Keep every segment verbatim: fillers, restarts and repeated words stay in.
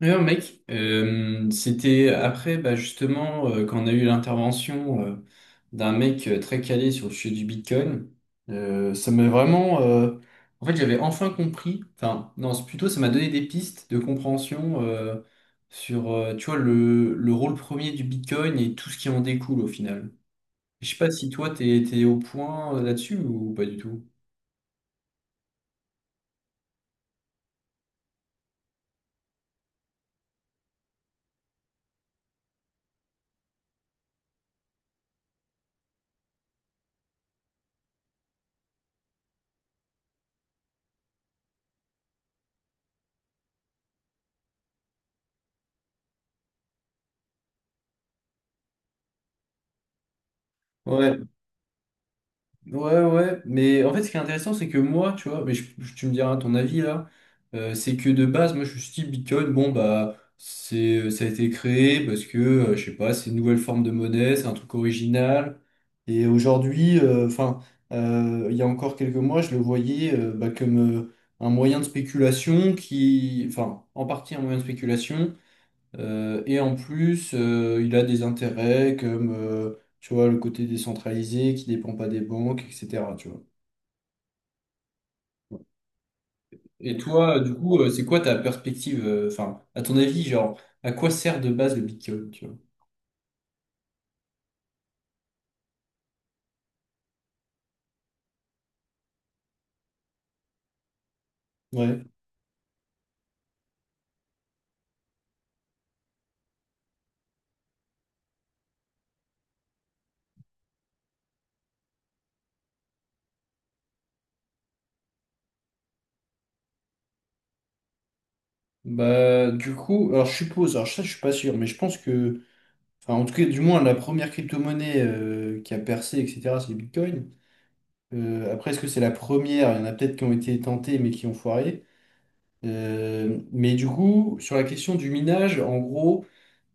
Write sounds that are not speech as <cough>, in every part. D'ailleurs, mec, euh, c'était après, bah, justement, euh, quand on a eu l'intervention euh, d'un mec euh, très calé sur le sujet du Bitcoin. Euh, ça m'a vraiment... euh, en fait, j'avais enfin compris. Enfin, non, c'est plutôt, ça m'a donné des pistes de compréhension euh, sur, euh, tu vois, le, le rôle premier du Bitcoin et tout ce qui en découle au final. Je sais pas si toi, t'es, t'es au point euh, là-dessus ou pas du tout. Ouais. Ouais, ouais, mais en fait, ce qui est intéressant, c'est que moi, tu vois, mais je- je- tu me diras ton avis là. Euh, c'est que de base, moi, je me suis dit, Bitcoin, bon, bah, c'est, euh, ça a été créé parce que, euh, je sais pas, c'est une nouvelle forme de monnaie, c'est un truc original. Et aujourd'hui, euh, enfin, euh, il y a encore quelques mois, je le voyais euh, bah, comme euh, un moyen de spéculation qui, enfin, en partie un moyen de spéculation. Euh, et en plus, euh, il a des intérêts comme, euh, tu vois, le côté décentralisé qui dépend pas des banques, et cetera. Tu vois. Et toi, euh, du coup, euh, c'est quoi ta perspective? Euh, enfin, à ton avis, genre, à quoi sert de base le Bitcoin, tu vois? Ouais. Bah, du coup, alors je suppose, alors ça, je suis pas sûr, mais je pense que, enfin, en tout cas, du moins, la première crypto-monnaie euh, qui a percé, et cetera, c'est le Bitcoin. Euh, après, est-ce que c'est la première? Il y en a peut-être qui ont été tentées, mais qui ont foiré. Euh, mais du coup, sur la question du minage, en gros,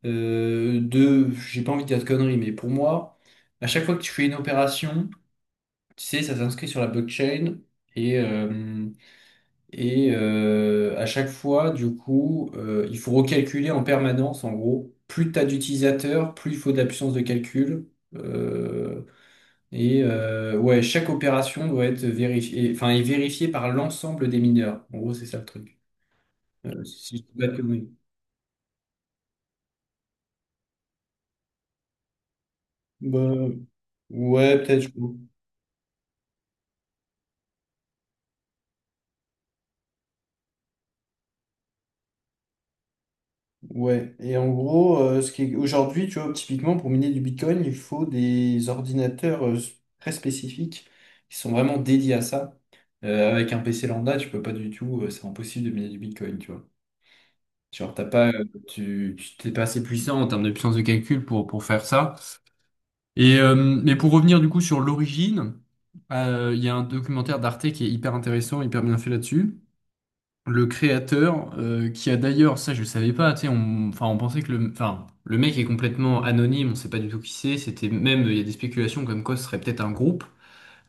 euh, de, j'ai pas envie de dire de conneries, mais pour moi, à chaque fois que tu fais une opération, tu sais, ça s'inscrit sur la blockchain. Et, euh, et euh, à chaque fois, du coup, euh, il faut recalculer en permanence, en gros. Plus t'as d'utilisateurs, plus il faut de la puissance de calcul. Euh, et euh, ouais, chaque opération doit être vérifiée, enfin, est vérifiée par l'ensemble des mineurs. En gros, c'est ça le truc. Euh, si je dis pas de conneries. Bah, ouais, peut-être. je- Ouais. Et en gros, euh, ce qui est... aujourd'hui, tu vois, typiquement pour miner du Bitcoin, il faut des ordinateurs euh, très spécifiques qui sont vraiment dédiés à ça. Euh, avec un P C lambda, tu peux pas du tout. Euh, c'est impossible de miner du Bitcoin, tu vois. Genre, t'as pas, euh, tu, tu- t'es pas assez puissant en termes de puissance de calcul pour, pour faire ça. Et, euh, mais pour revenir du coup sur l'origine, euh, il y a un documentaire d'Arte qui est hyper intéressant, hyper bien fait là-dessus. Le créateur, euh, qui a d'ailleurs, ça je le savais pas, tu sais, on, enfin, on pensait que le, enfin, le mec est complètement anonyme, on sait pas du tout qui c'est, c'était même, il y a des spéculations comme quoi ce serait peut-être un groupe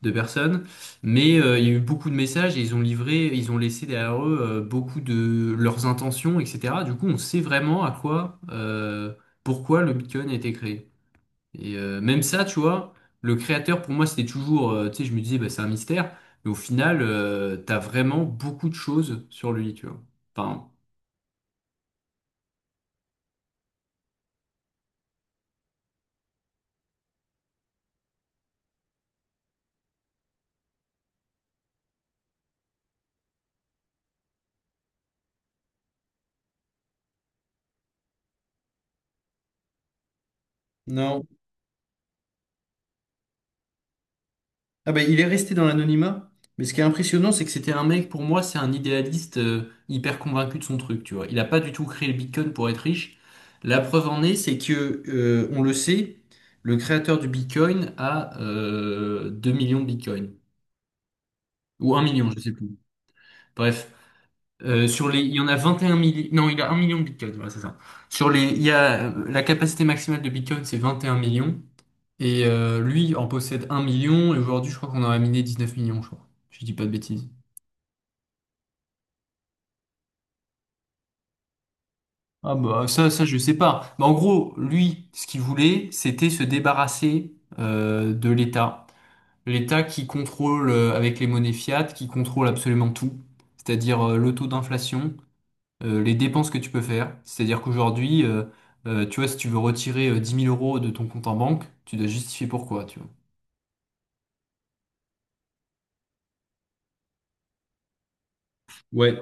de personnes. Mais euh, il y a eu beaucoup de messages et ils ont livré, ils ont laissé derrière eux euh, beaucoup de leurs intentions, et cetera. Du coup, on sait vraiment à quoi, euh, pourquoi le Bitcoin a été créé. Et euh, même ça, tu vois, le créateur, pour moi, c'était toujours, euh, tu sais, je me disais, bah, c'est un mystère, mais au final, euh, t'as vraiment beaucoup de choses sur lui, tu vois. Enfin, non. Ah ben, il est resté dans l'anonymat. Mais ce qui est impressionnant, c'est que c'était un mec, pour moi, c'est un idéaliste euh, hyper convaincu de son truc, tu vois. Il n'a pas du tout créé le Bitcoin pour être riche. La preuve en est, c'est que, euh, on le sait, le créateur du Bitcoin a euh, 2 millions de Bitcoin. Ou un million, je sais plus. Bref. Euh, sur les, il y en a 21 millions. Non, il a un million de bitcoins, voilà, c'est ça. Sur les, il y a, euh, la capacité maximale de bitcoin, c'est 21 millions, et euh, lui en possède un million. Et aujourd'hui, je crois qu'on en a miné 19 millions, je crois. Si je dis pas de bêtises. Ah bah, ça, ça, je sais pas. Bah, en gros, lui, ce qu'il voulait, c'était se débarrasser euh, de l'État. L'État qui contrôle, euh, avec les monnaies fiat, qui contrôle absolument tout, c'est-à-dire euh, le taux d'inflation, euh, les dépenses que tu peux faire. C'est-à-dire qu'aujourd'hui, euh, euh, tu vois, si tu veux retirer euh, dix mille euros de ton compte en banque, tu dois justifier pourquoi, tu vois. Ouais.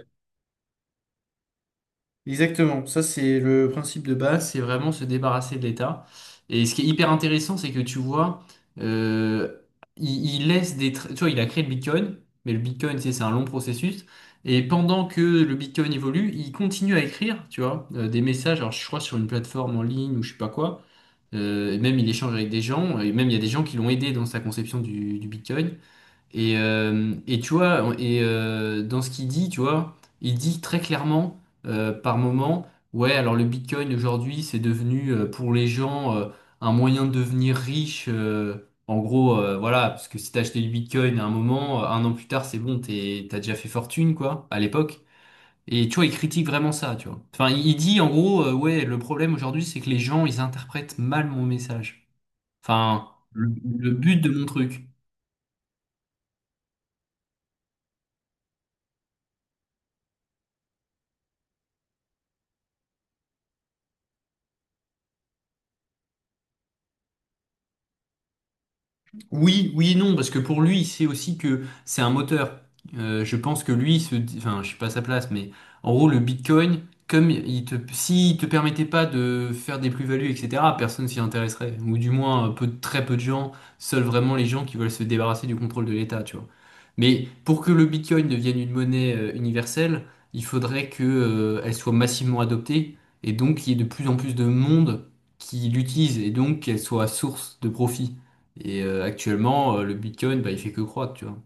Exactement, ça c'est le principe de base, c'est vraiment se débarrasser de l'État. Et ce qui est hyper intéressant, c'est que tu vois, euh, il, il laisse des... tra- Tu vois, il a créé le Bitcoin, mais le Bitcoin, tu sais, c'est un long processus. Et pendant que le Bitcoin évolue, il continue à écrire, tu vois, euh, des messages, alors je crois sur une plateforme en ligne ou je sais pas quoi. Euh, et même il échange avec des gens, et même il y a des gens qui l'ont aidé dans sa conception du, du Bitcoin. Et, euh, et tu vois, et euh, dans ce qu'il dit, tu vois, il dit très clairement euh, par moment, ouais, alors le Bitcoin aujourd'hui, c'est devenu euh, pour les gens euh, un moyen de devenir riche. Euh, en gros, euh, voilà, parce que si t'as acheté du Bitcoin à un moment, euh, un an plus tard, c'est bon, t'es, t'as déjà fait fortune, quoi, à l'époque. Et tu vois, il critique vraiment ça, tu vois. Enfin, il il dit en gros, euh, ouais, le problème aujourd'hui, c'est que les gens, ils interprètent mal mon message. Enfin, le, le but de mon truc. Oui, oui, et non, parce que pour lui, c'est aussi que c'est un moteur. Euh, je pense que lui, il se, dit- enfin, je suis pas à sa place, mais en gros, le Bitcoin, comme il te, s'il te permettait pas de faire des plus-values, et cetera, personne s'y intéresserait, ou du moins euh, peu, très peu de gens, seuls vraiment les gens qui veulent se débarrasser du contrôle de l'État, tu vois. Mais pour que le Bitcoin devienne une monnaie euh, universelle, il faudrait que, euh, elle soit massivement adoptée, et donc qu'il y ait de plus en plus de monde qui l'utilise, et donc qu'elle soit source de profit. Et euh, actuellement, euh, le Bitcoin, bah, il fait que croître, tu vois.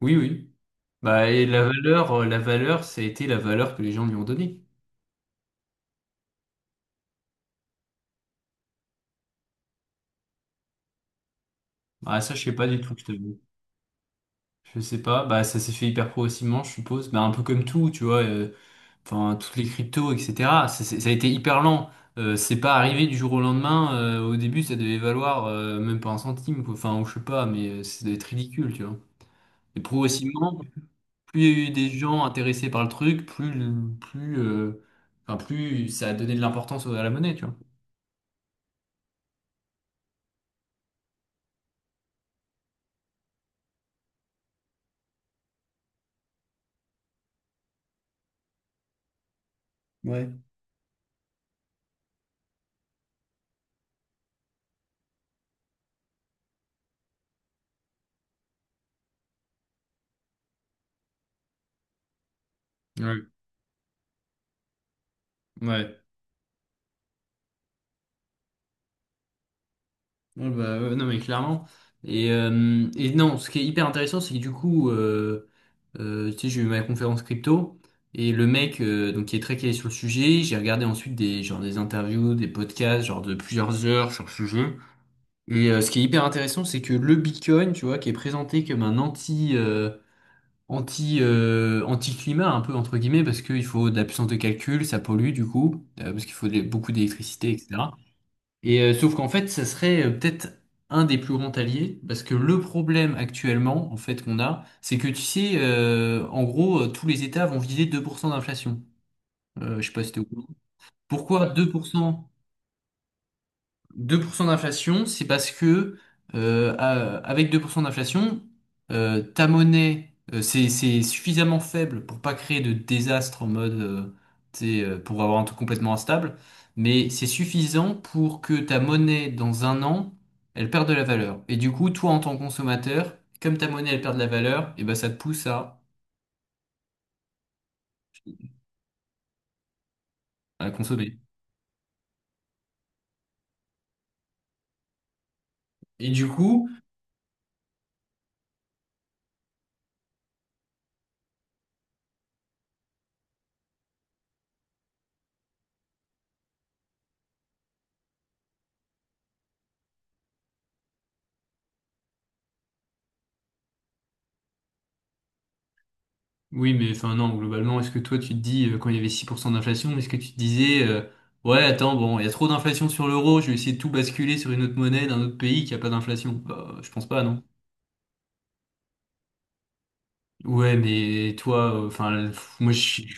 Oui, oui. Bah, et la valeur, euh, la valeur, ça a été la valeur que les gens lui ont donnée. Bah, ça, je sais pas du tout, je t'avoue. Je sais pas. Bah, ça s'est fait hyper progressivement, je suppose. Bah, un peu comme tout, tu vois. euh, Enfin, toutes les cryptos, et cetera. Ça, c'est- ça a été hyper lent. Euh, c'est pas arrivé du jour au lendemain. Euh, au début, ça devait valoir euh, même pas un centime, quoi. Enfin, ou je sais pas, mais euh, ça devait être ridicule, tu vois. Et progressivement, plus il y a eu des gens intéressés par le truc, plus, le- plus, euh, enfin, plus ça a donné de l'importance à la monnaie, tu vois. Ouais. Ouais, ouais. Ouais, bah, ouais, non, mais clairement. Et, euh, et non, ce qui est hyper intéressant, c'est que du coup, euh, euh, tu sais, j'ai eu ma conférence crypto et le mec euh, donc, qui est très calé sur le sujet, j'ai regardé ensuite des, genre, des interviews, des podcasts, genre de plusieurs heures sur le sujet. Et euh, ce qui est hyper intéressant, c'est que le Bitcoin, tu vois, qui est présenté comme un anti, euh, anti, euh, anti-climat un peu entre guillemets parce qu'il faut de la puissance de calcul, ça pollue du coup, euh, parce qu'il faut des- beaucoup d'électricité, et cetera. Et euh, sauf qu'en fait, ça serait euh, peut-être un des plus grands alliés parce que le problème actuellement en fait qu'on a, c'est que tu sais, euh, en gros, euh, tous les États vont viser deux pour cent d'inflation. Euh, je sais pas si t'es au courant. Pourquoi deux pour cent? deux pour cent d'inflation, c'est parce que euh, à- avec deux pour cent d'inflation, euh, ta monnaie, euh, c'est, c'est suffisamment faible pour pas créer de désastre en mode, euh, tu sais, euh, pour avoir un truc complètement instable, mais c'est suffisant pour que ta monnaie, dans un an, elle perde de la valeur. Et du coup, toi, en tant que consommateur, comme ta monnaie, elle perd de la valeur, et ben ça te pousse à, à consommer. Et du coup, oui, mais enfin non, globalement, est-ce que toi tu te dis, euh, quand il y avait six pour cent d'inflation, est-ce que tu te disais, euh, ouais, attends, bon, il y a trop d'inflation sur l'euro, je vais essayer de tout basculer sur une autre monnaie d'un autre pays qui a pas d'inflation? Bah, je pense pas, non? Ouais, mais toi, euh, enfin, euh, pff, moi je je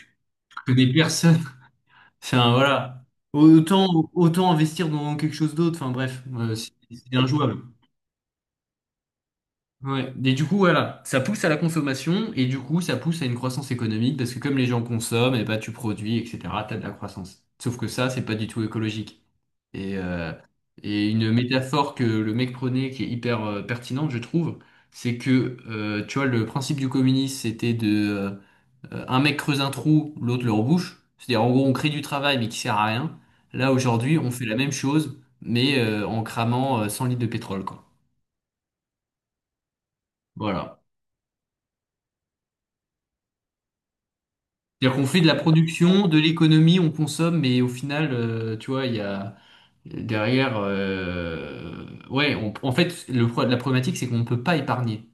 connais personne. <laughs> Enfin voilà, autant, autant investir dans quelque chose d'autre, enfin bref, euh, c'est c'est injouable. Ouais. Et du coup, voilà, ça pousse à la consommation et du coup, ça pousse à une croissance économique parce que comme les gens consomment, et bah, tu produis, et cetera, t'as de la croissance. Sauf que ça, c'est pas du tout écologique. Et, euh, et une métaphore que le mec prenait qui est hyper euh, pertinente, je trouve, c'est que, euh, tu vois, le principe du communisme, c'était de euh, un mec creuse un trou, l'autre le rebouche. C'est-à-dire, en gros, on crée du travail mais qui sert à rien. Là, aujourd'hui, on fait la même chose, mais euh, en cramant euh, cent litres de pétrole, quoi. Voilà. C'est-à-dire qu'on fait de la production, de l'économie, on consomme, mais au final, euh, tu vois, il y a derrière, euh, ouais, on- en fait, le, pro- la problématique, c'est qu'on ne peut pas épargner.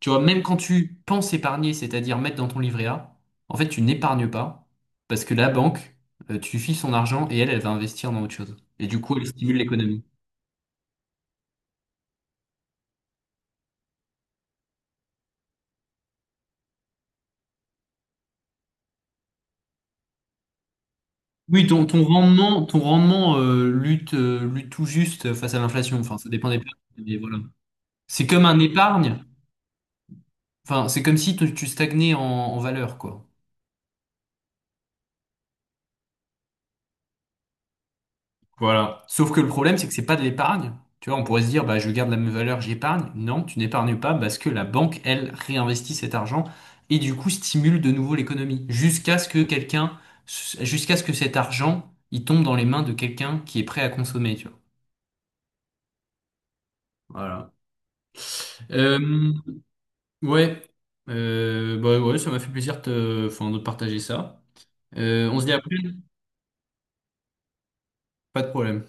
Tu vois, même quand tu penses épargner, c'est-à-dire mettre dans ton livret A, en fait, tu n'épargnes pas parce que la banque, euh, tu lui files son argent et elle, elle va investir dans autre chose. Et du coup, elle stimule l'économie. Oui, ton, ton rendement, ton rendement euh, lutte, euh, lutte tout juste face à l'inflation. Enfin, ça dépend des périodes, mais voilà. C'est comme un épargne. Enfin, c'est comme si tu, tu stagnais en, en valeur, quoi. Voilà. Sauf que le problème, c'est que c'est pas de l'épargne. Tu vois, on pourrait se dire, bah, je garde la même valeur, j'épargne. Non, tu n'épargnes pas parce que la banque, elle, réinvestit cet argent et du coup stimule de nouveau l'économie jusqu'à ce que quelqu'un, jusqu'à ce que cet argent, il tombe dans les mains de quelqu'un qui est prêt à consommer, tu vois. Voilà. Euh, ouais. Euh, bah ouais, ça m'a fait plaisir de, enfin, de partager ça. Euh, on se dit à la prochaine? Pas de problème.